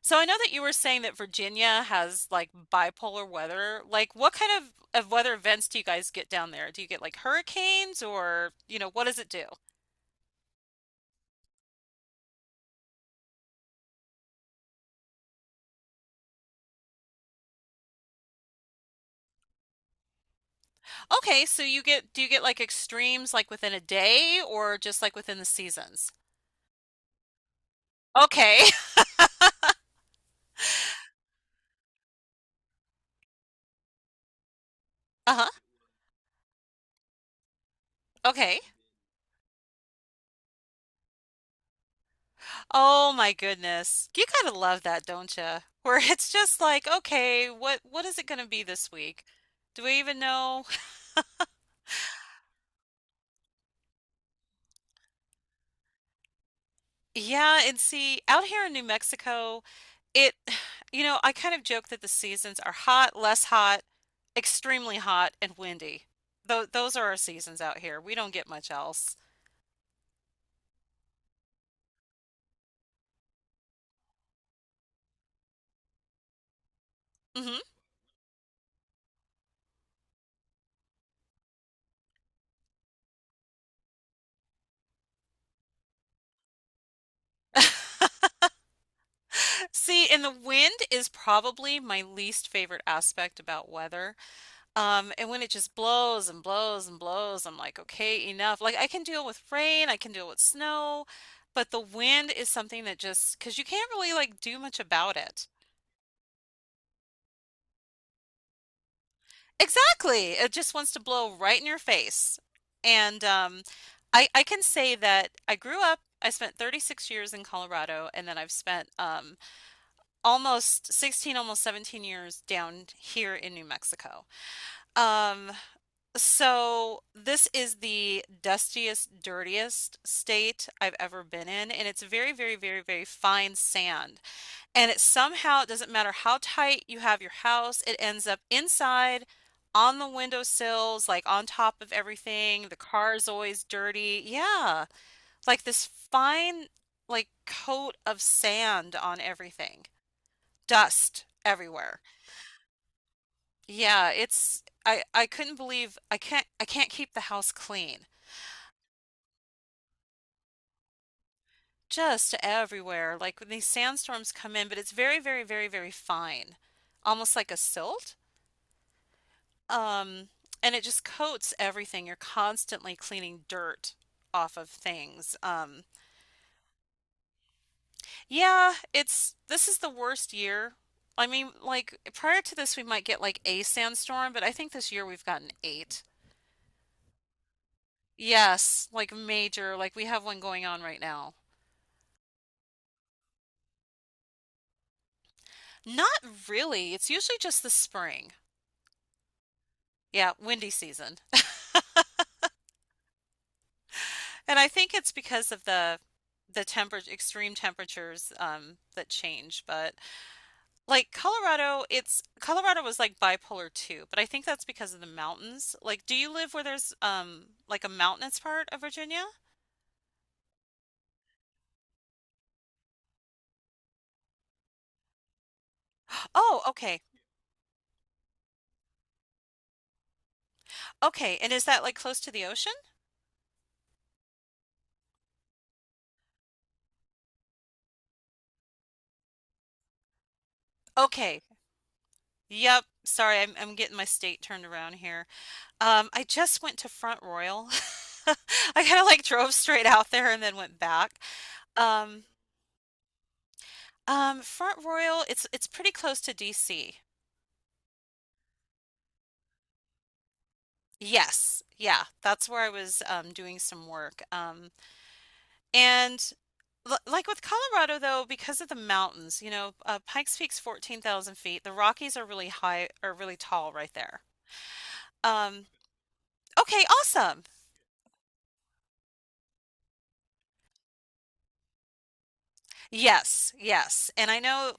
So I know that you were saying that Virginia has like bipolar weather. Like what kind of weather events do you guys get down there? Do you get like hurricanes or, what does it do? Okay, so you get do you get like extremes like within a day or just like within the seasons? Okay. Uh-huh. Okay. Oh my goodness. You gotta love that, don't you? Where it's just like, okay, what is it gonna be this week? Do we even know? Yeah, and see, out here in New Mexico, It, I kind of joke that the seasons are hot, less hot, extremely hot, and windy. Those are our seasons out here. We don't get much else. Hmm. See, and the wind is probably my least favorite aspect about weather. And when it just blows and blows and blows, I'm like, okay, enough. Like I can deal with rain, I can deal with snow, but the wind is something that just, because you can't really like do much about it. Exactly. It just wants to blow right in your face. And I can say that I grew up, I spent 36 years in Colorado, and then I've spent almost 16, almost 17 years down here in New Mexico. Um, so this is the dustiest, dirtiest state I've ever been in, and it's very, very, very, very fine sand. And it somehow, it doesn't matter how tight you have your house, it ends up inside on the windowsills, like on top of everything. The car is always dirty. Yeah, like this fine, like coat of sand on everything, dust everywhere. Yeah, it's I couldn't believe I can't keep the house clean. Just everywhere. Like when these sandstorms come in, but it's very, very, very, very fine. Almost like a silt. Um, and it just coats everything. You're constantly cleaning dirt off of things. Yeah, it's this is the worst year. I mean, like prior to this, we might get like a sandstorm, but I think this year we've gotten eight. Yes, like major, like we have one going on right now. Not really. It's usually just the spring. Yeah, windy season. And I think it's because of the temper extreme temperatures that change, but. Like Colorado, it's Colorado was like bipolar too, but I think that's because of the mountains. Like, do you live where there's like a mountainous part of Virginia? Oh, okay. Okay. And is that like close to the ocean? Okay. Yep. Sorry, I'm getting my state turned around here. I just went to Front Royal. I kind of like drove straight out there and then went back. Um, Front Royal, it's pretty close to DC. Yes, yeah, that's where I was doing some work. And like with Colorado, though, because of the mountains, Pikes Peak's 14,000 feet. The Rockies are really high, are really tall right there. Um, okay, awesome. Yes, yes. And I know,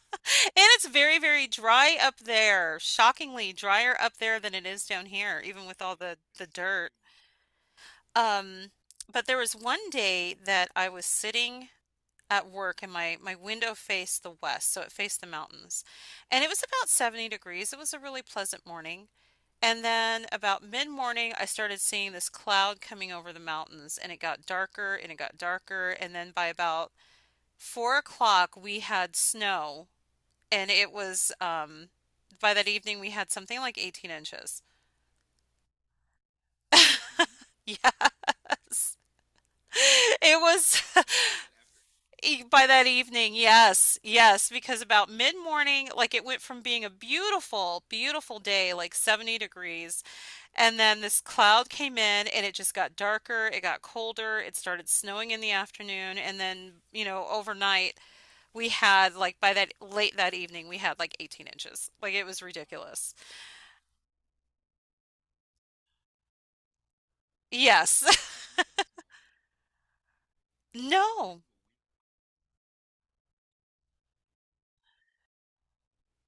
and it's very, very dry up there. Shockingly drier up there than it is down here, even with all the dirt. Um, but there was one day that I was sitting. At work and my window faced the west, so it faced the mountains. And it was about 70 degrees. It was a really pleasant morning. And then about mid-morning, I started seeing this cloud coming over the mountains, and it got darker and it got darker. And then by about 4 o'clock, we had snow, and it was by that evening we had something like 18 inches. Yes, it was By that evening, yes, yes, because about mid-morning, like it went from being a beautiful, beautiful day, like 70 degrees, and then this cloud came in and it just got darker, it got colder, it started snowing in the afternoon, and then, overnight we had like by that late that evening we had like 18 inches. Like it was ridiculous. Yes. No.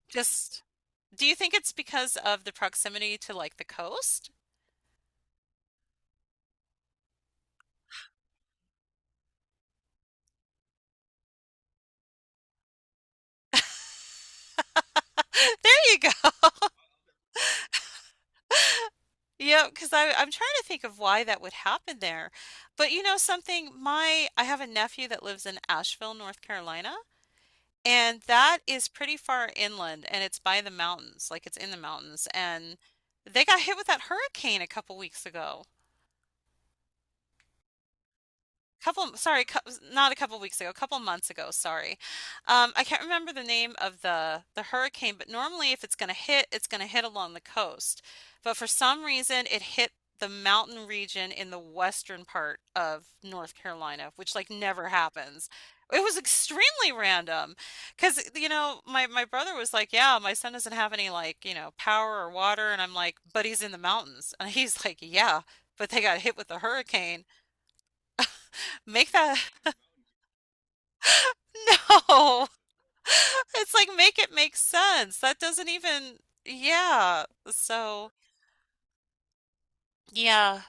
Just Do you think it's because of the proximity to like the coast? There you go. Yep, because I'm trying to think of why that would happen there. But you know something, my I have a nephew that lives in Asheville, North Carolina, and that is pretty far inland and it's by the mountains, like it's in the mountains, and they got hit with that hurricane a couple weeks ago. Couple, sorry, not a couple weeks ago, a couple months ago, sorry. I can't remember the name of the hurricane, but normally if it's going to hit, it's going to hit along the coast, but for some reason it hit the mountain region in the western part of North Carolina, which like never happens. It was extremely random because my brother was like, yeah, my son doesn't have any like power or water, and I'm like, but he's in the mountains, and he's like, yeah, but they got hit with a hurricane. Make that No. It's like make it make sense. That doesn't even. Yeah. So, yeah.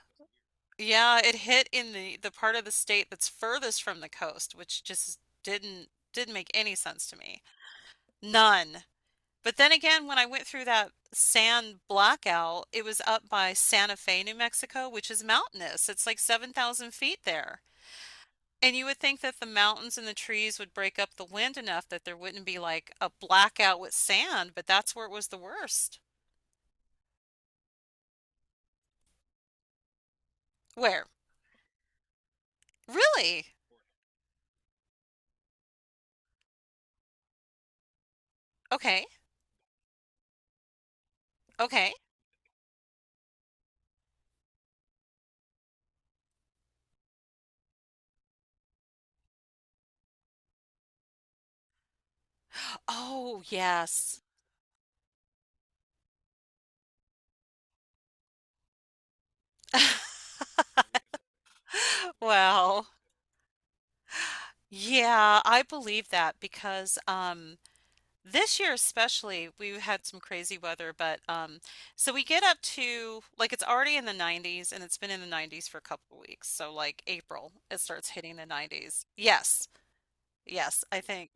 Yeah, it hit in the part of the state that's furthest from the coast, which just didn't make any sense to me. None. But then again, when I went through that sand blackout, it was up by Santa Fe, New Mexico, which is mountainous. It's like 7,000 feet there. And you would think that the mountains and the trees would break up the wind enough that there wouldn't be like a blackout with sand, but that's where it was the worst. Where? Really? Okay. Okay. Oh, yes. Well, yeah, I believe that because this year especially we had some crazy weather, but so we get up to like it's already in the 90s and it's been in the 90s for a couple of weeks. So like April it starts hitting the 90s. Yes. Yes, I think.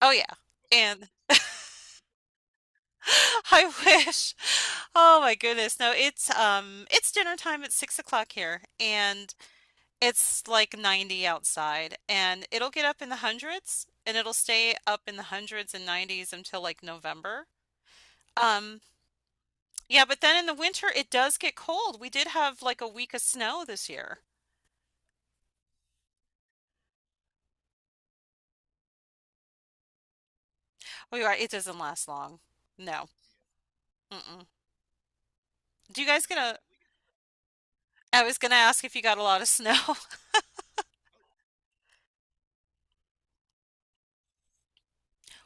Oh yeah. And I wish. Oh my goodness. No, it's dinner time. It's 6 o'clock here and it's like 90 outside and it'll get up in the hundreds and it'll stay up in the hundreds and 90s until like November. Um yeah, but then in the winter it does get cold. We did have like a week of snow this year. It doesn't last long. No. Mm-mm. Do you guys gonna I was gonna ask if you got a lot of snow.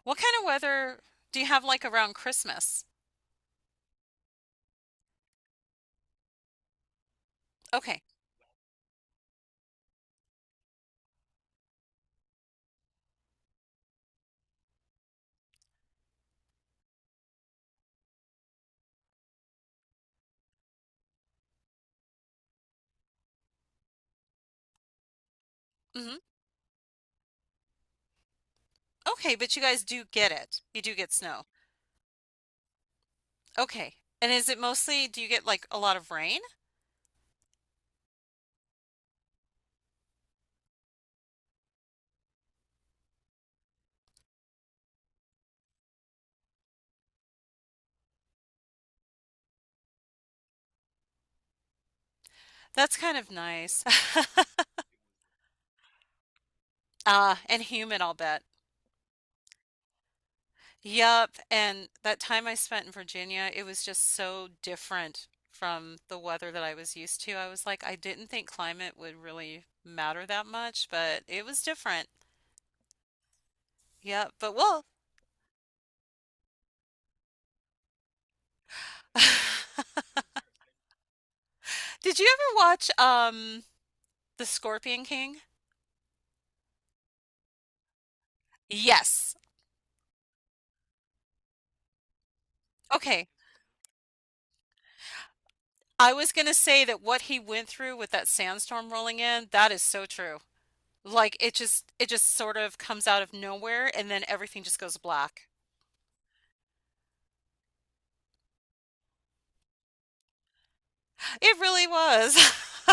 What kind of weather do you have like around Christmas? Okay. Hmm. Okay, but you guys do get it. You do get snow. Okay. And do you get like a lot of rain? That's kind of nice. Ah, and humid, I'll bet. Yup. And that time I spent in Virginia, it was just so different from the weather that I was used to. I was like, I didn't think climate would really matter that much, but it was different. Yep. But, well, did you ever watch The Scorpion King? Yes. Okay. I was gonna say that what he went through with that sandstorm rolling in, that is so true. Like it just sort of comes out of nowhere, and then everything just goes black. It really was.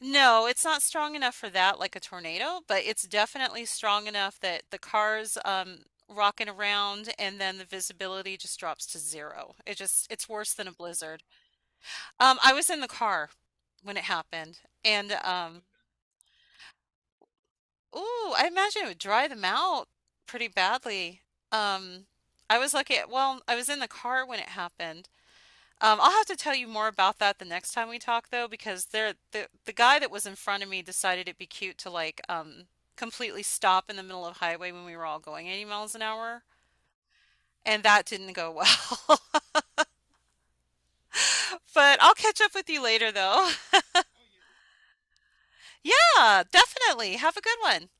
No, it's not strong enough for that like a tornado, but it's definitely strong enough that the car's rocking around, and then the visibility just drops to zero. It's worse than a blizzard. I was in the car when it happened and Ooh, I imagine it would dry them out pretty badly. Um, I was lucky Well, I was in the car when it happened. I'll have to tell you more about that the next time we talk though, because the guy that was in front of me decided it'd be cute to like completely stop in the middle of highway when we were all going 80 miles an hour, and that didn't go well. But I'll catch up with you later though. Yeah, definitely. Have a good one.